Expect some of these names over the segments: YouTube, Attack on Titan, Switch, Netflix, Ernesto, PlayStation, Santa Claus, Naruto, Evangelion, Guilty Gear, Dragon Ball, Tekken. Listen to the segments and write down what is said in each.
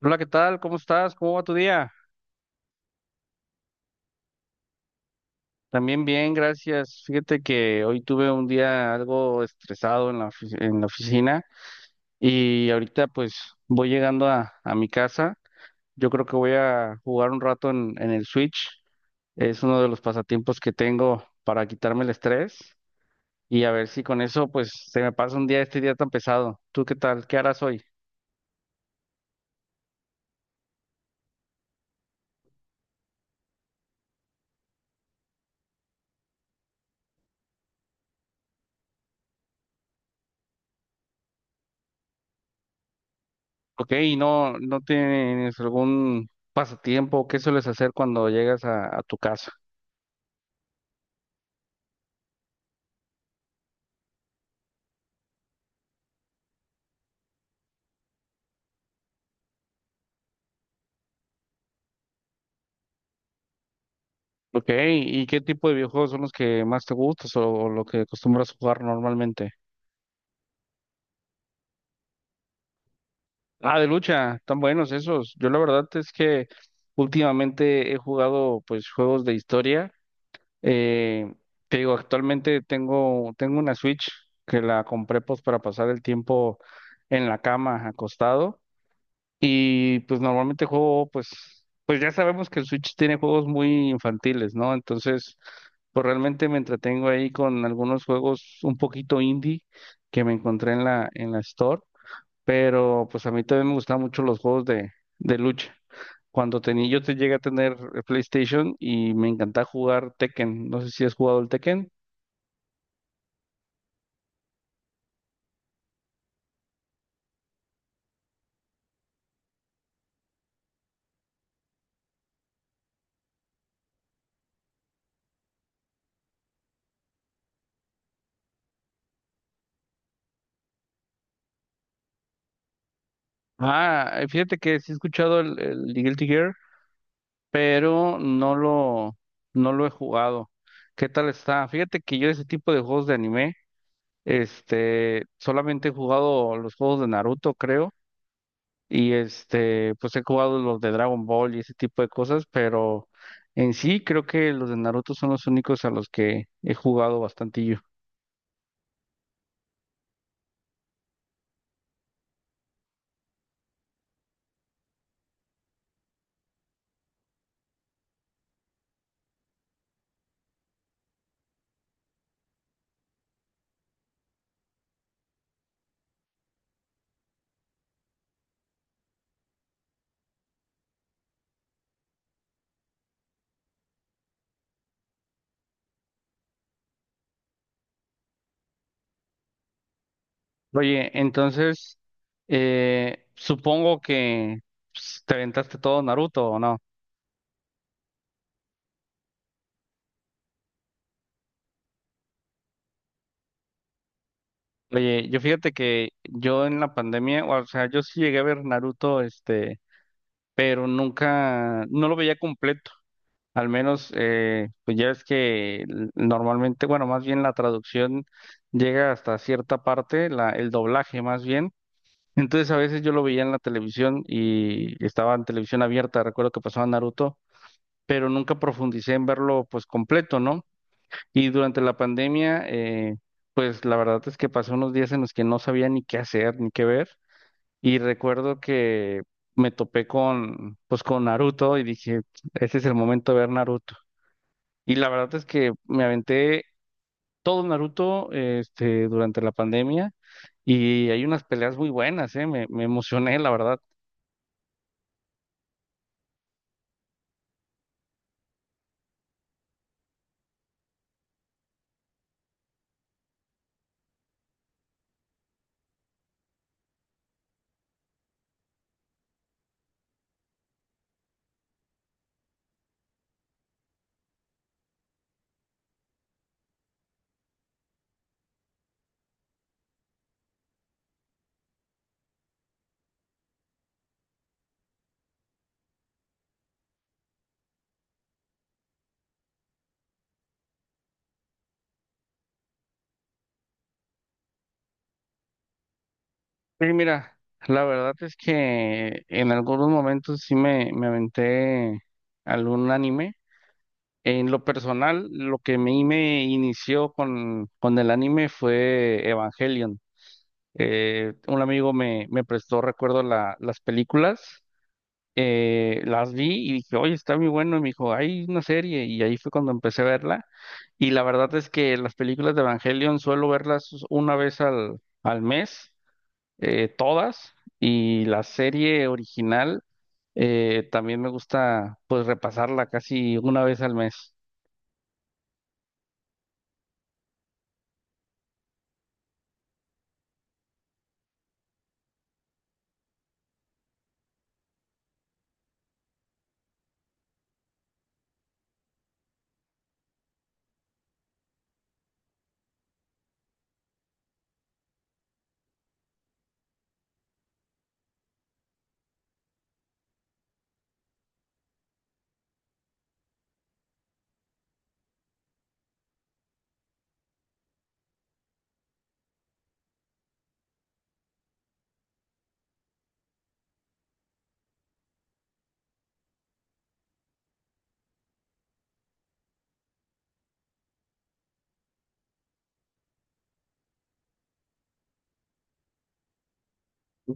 Hola, ¿qué tal? ¿Cómo estás? ¿Cómo va tu día? También bien, gracias. Fíjate que hoy tuve un día algo estresado en la en la oficina y ahorita pues voy llegando a mi casa. Yo creo que voy a jugar un rato en el Switch. Es uno de los pasatiempos que tengo para quitarme el estrés y a ver si con eso pues se me pasa un día este día tan pesado. ¿Tú qué tal? ¿Qué harás hoy? Ok, ¿y no tienes algún pasatiempo? ¿Qué sueles hacer cuando llegas a tu casa? Ok, ¿y qué tipo de videojuegos son los que más te gustas o lo que acostumbras jugar normalmente? Ah, de lucha, tan buenos esos. Yo la verdad es que últimamente he jugado pues juegos de historia. Eh, Te digo, actualmente tengo una Switch que la compré pues para pasar el tiempo en la cama acostado. Y pues normalmente juego, pues ya sabemos que el Switch tiene juegos muy infantiles, ¿no? Entonces, pues realmente me entretengo ahí con algunos juegos un poquito indie que me encontré en la Store, pero pues a mí también me gustaban mucho los juegos de lucha. Cuando tenía, yo te llegué a tener el PlayStation y me encantaba jugar Tekken. No sé si has jugado el Tekken. Ah, fíjate que sí he escuchado el Guilty Gear, pero no lo he jugado. ¿Qué tal está? Fíjate que yo ese tipo de juegos de anime, solamente he jugado los juegos de Naruto, creo, y pues he jugado los de Dragon Ball y ese tipo de cosas, pero en sí creo que los de Naruto son los únicos a los que he jugado bastantillo. Oye, entonces, supongo que pues, te aventaste todo Naruto, ¿o no? Oye, yo fíjate que yo en la pandemia, o sea, yo sí llegué a ver Naruto, pero nunca, no lo veía completo. Al menos, pues ya es que normalmente, bueno, más bien la traducción llega hasta cierta parte, el doblaje más bien. Entonces a veces yo lo veía en la televisión y estaba en televisión abierta, recuerdo que pasaba Naruto, pero nunca profundicé en verlo pues completo, ¿no? Y durante la pandemia, pues la verdad es que pasé unos días en los que no sabía ni qué hacer, ni qué ver. Y recuerdo que me topé pues con Naruto y dije, ese es el momento de ver Naruto. Y la verdad es que me aventé todo Naruto, durante la pandemia y hay unas peleas muy buenas, me emocioné, la verdad. Sí, mira, la verdad es que en algunos momentos sí me aventé algún anime. En lo personal, lo que a mí me inició con el anime fue Evangelion. Un amigo me prestó, recuerdo, las películas, las vi y dije, oye, está muy bueno, y me dijo, hay una serie, y ahí fue cuando empecé a verla. Y la verdad es que las películas de Evangelion suelo verlas una vez al mes, todas, y la serie original también me gusta pues repasarla casi una vez al mes.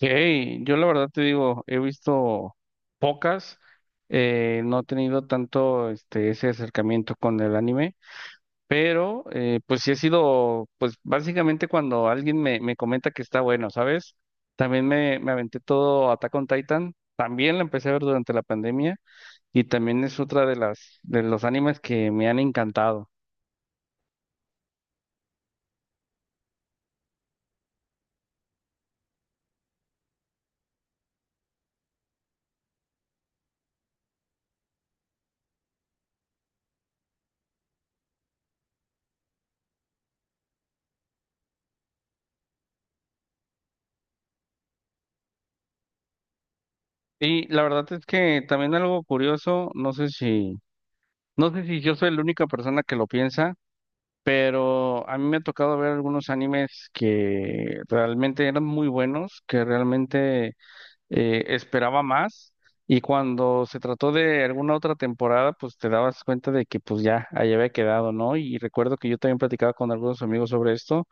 Hey, yo la verdad te digo, he visto pocas, no he tenido tanto ese acercamiento con el anime, pero pues sí ha sido, pues básicamente cuando alguien me comenta que está bueno, ¿sabes? También me aventé todo Attack on Titan, también la empecé a ver durante la pandemia y también es otra de de los animes que me han encantado. Y la verdad es que también algo curioso, no sé si yo soy la única persona que lo piensa. Pero a mí me ha tocado ver algunos animes que realmente eran muy buenos, que realmente esperaba más. Y cuando se trató de alguna otra temporada, pues te dabas cuenta de que pues ya ahí había quedado, ¿no? Y recuerdo que yo también platicaba con algunos amigos sobre esto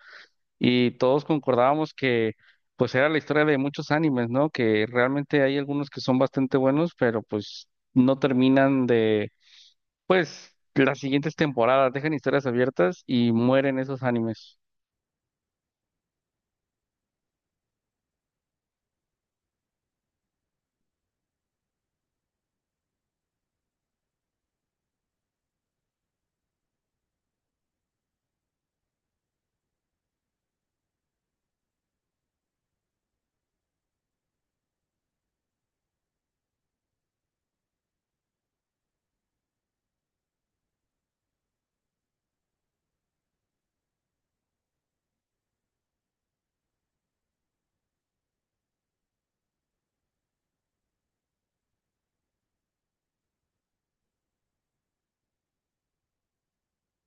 y todos concordábamos que pues era la historia de muchos animes, ¿no? Que realmente hay algunos que son bastante buenos, pero pues no terminan de las siguientes temporadas, dejan historias abiertas y mueren esos animes.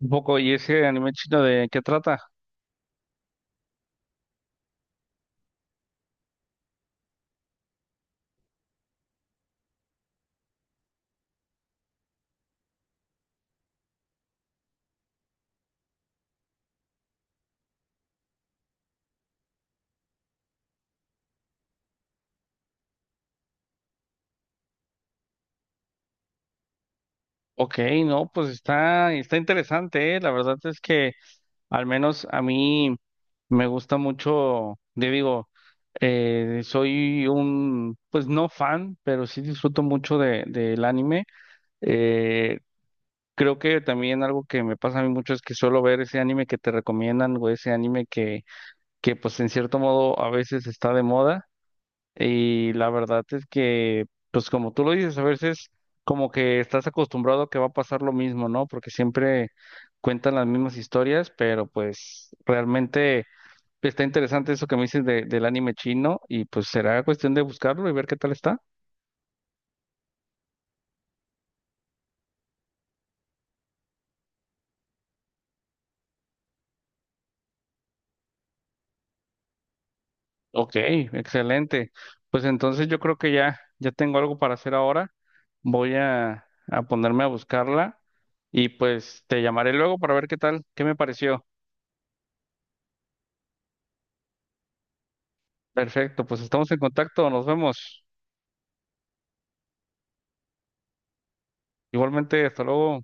Un poco, ¿y ese anime chino de qué trata? Ok, no, pues está interesante, ¿eh? La verdad es que al menos a mí me gusta mucho, te digo, soy pues no fan, pero sí disfruto mucho del anime. Eh, creo que también algo que me pasa a mí mucho es que suelo ver ese anime que te recomiendan o ese anime que pues en cierto modo a veces está de moda. Y la verdad es que, pues como tú lo dices, a veces como que estás acostumbrado a que va a pasar lo mismo, ¿no? Porque siempre cuentan las mismas historias, pero pues realmente está interesante eso que me dices del anime chino y pues será cuestión de buscarlo y ver qué tal está. Ok, excelente. Pues entonces yo creo que ya tengo algo para hacer ahora. Voy a ponerme a buscarla y pues te llamaré luego para ver qué tal, qué me pareció. Perfecto, pues estamos en contacto, nos vemos. Igualmente, hasta luego.